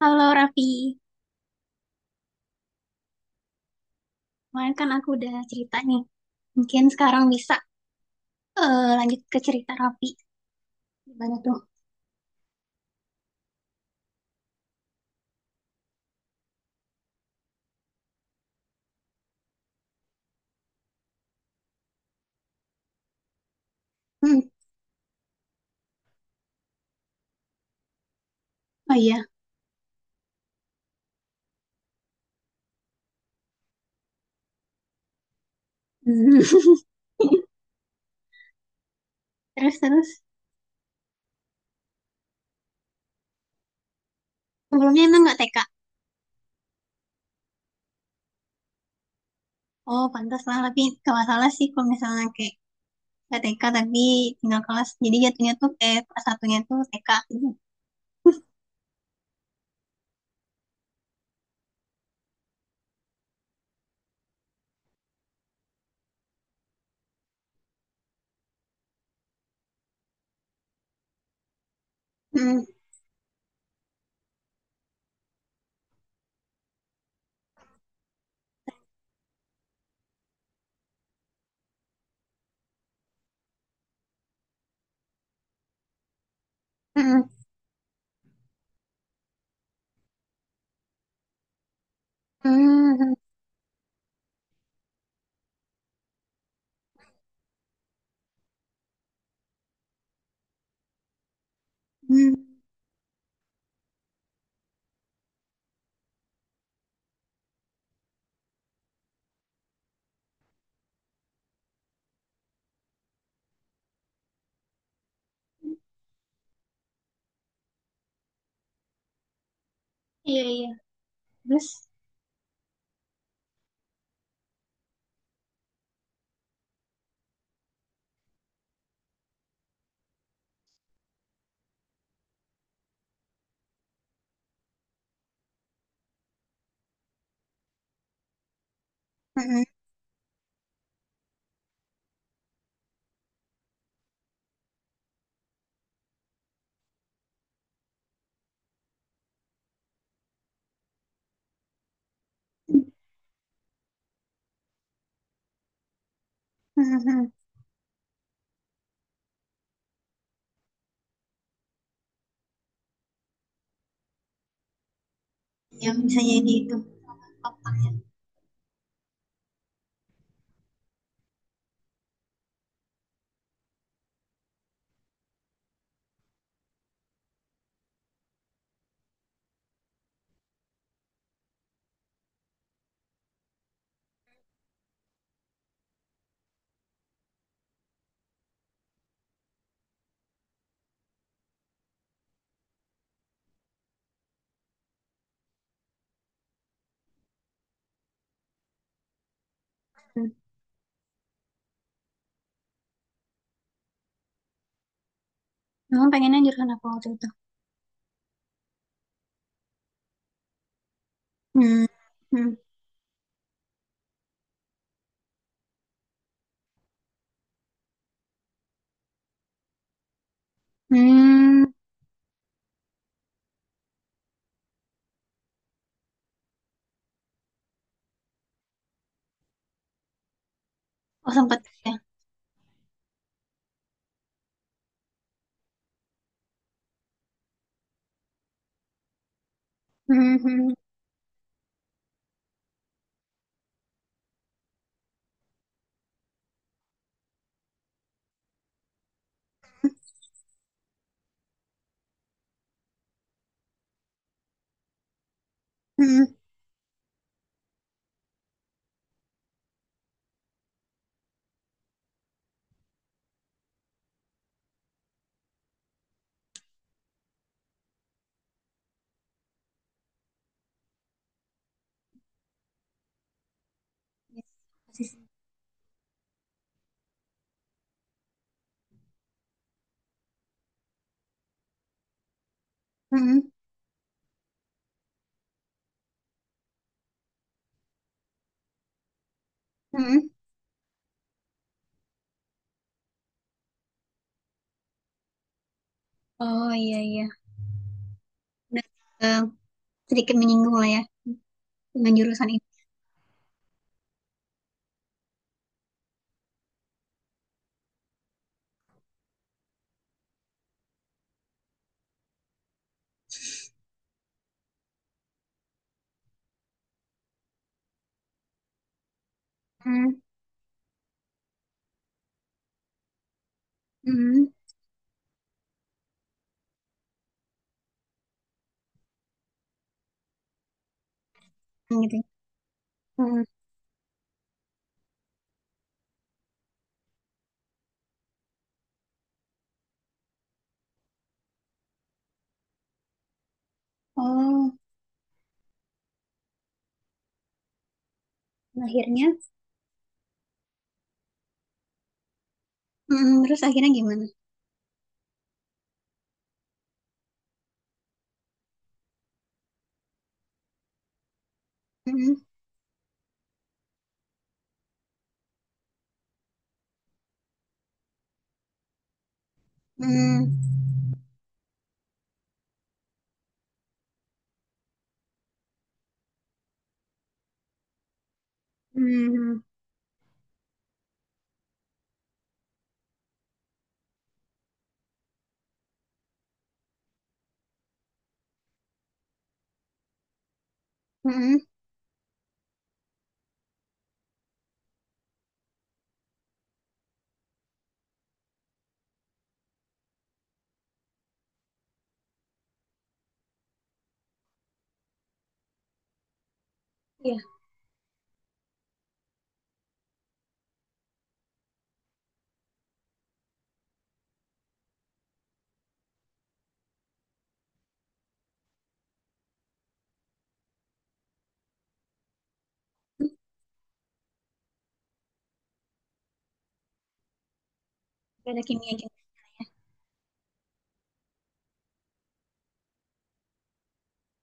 Halo Raffi, kemarin kan aku udah cerita nih. Mungkin sekarang bisa lanjut ke cerita Raffi. Gimana tuh? Hmm. Oh iya. Hmm. Terus terus sebelumnya emang nggak TK? Oh pantas lah, tapi gak masalah sih kalau misalnya kayak nggak TK tapi tinggal kelas. Jadi jatuhnya tuh kayak kelas satunya tuh TK. Gitu. Hmm. Hmm. Hmm. Hmm. Iya iya. Terus. Hmm. Hmm. Hmm. Hmm. Ya bisa jadi itu. Otak. Memang pengennya jurusan apa waktu itu? Hmm, hmm, hmm. Oh, sempat ya. Hmm, hmm, hmm. Yes, pasti sih. Hmm, hmm. Oh iya iya. Udah eh, sedikit menyinggung lah ya dengan jurusan ini. Hmm, hmm, hmm, gitu. Ya. Hmm. Oh, akhirnya. Hmm, hmm. Terus akhirnya gimana? Hmm, hmm, hmm, hmm. Iya, nggak ada kimia gitu.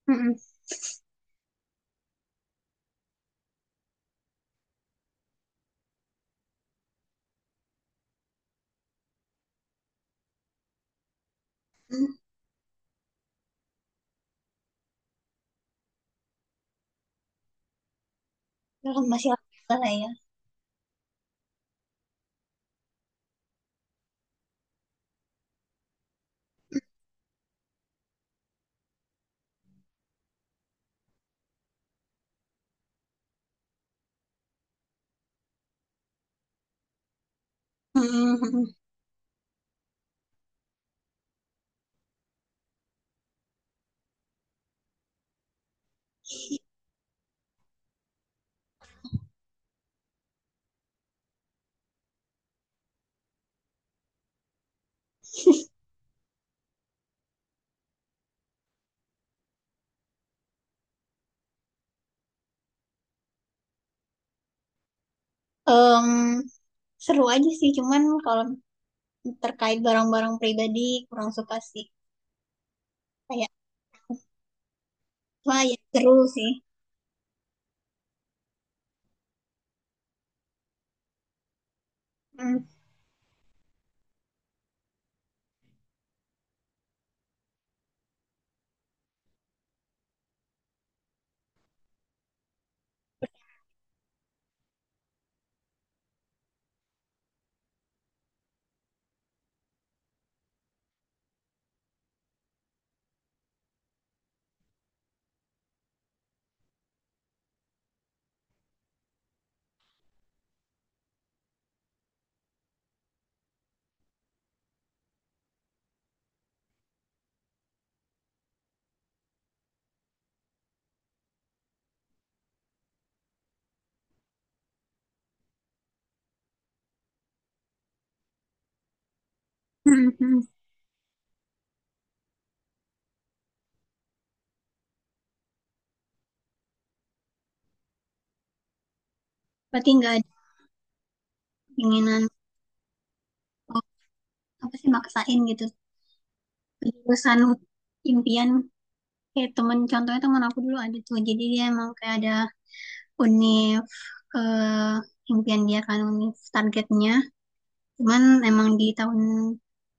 Hmm, hmm. Terus masih apa lah ya? Hmm, hmm. Hmm. Em, seru aja sih, cuman kalau terkait barang-barang pribadi kurang suka sih, kayak wah ya seru sih. Hmm. Hmm, hmm. Berarti nggak ada keinginan, oh, apa sih maksain gitu jurusan impian, kayak temen. Contohnya temen aku dulu ada tuh, jadi dia emang kayak ada univ ke impian dia kan, univ targetnya. Cuman emang di tahun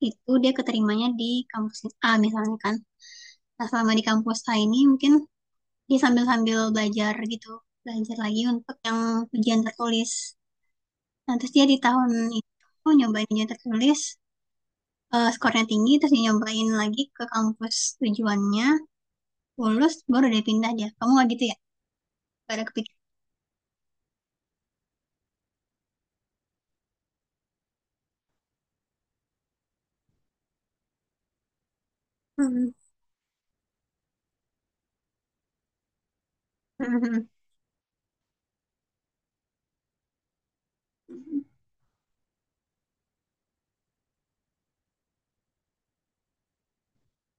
itu dia keterimanya di kampus A misalnya kan. Nah, selama di kampus A ini mungkin dia sambil-sambil belajar gitu, belajar lagi untuk yang ujian tertulis. Nah, terus dia di tahun itu nyobain ujian tertulis, skornya tinggi, terus dia nyobain lagi ke kampus tujuannya, lulus, baru dia pindah dia. Kamu nggak gitu ya? Gak ada kepikiran. Hmm. Hmm,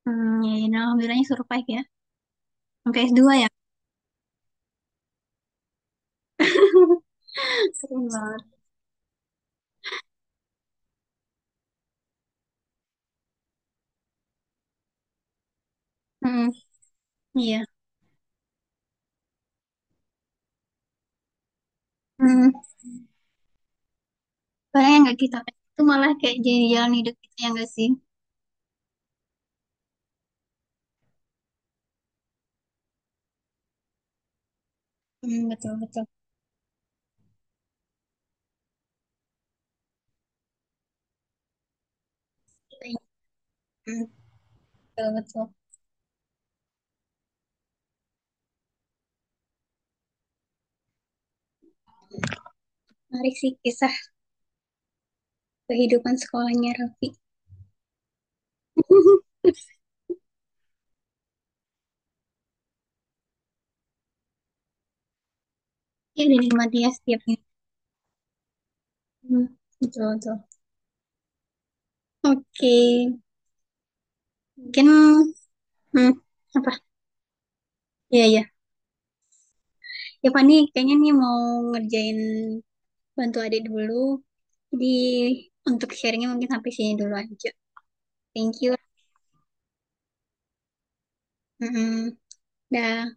hmm, ya, ya, nah, alhamdulillahnya survive ya. Sampai s dua ya. Serem banget. Hmm, iya. Hmm, padahal yang nggak kita pengen itu malah kayak jadi jalan hidup kita yang nggak sih? Hmm, betul betul. Hmm, betul betul. Menarik sih kisah kehidupan sekolahnya Raffi. Ya, dinikmati ya setiapnya. Hmm, betul, betul. Oke, mungkin hmm, apa? Ya, ya. Ya, Pak, nih kayaknya nih mau ngerjain bantu adik dulu. Jadi, untuk sharingnya mungkin sampai sini dulu aja. Thank you. Mm-mm. Dah.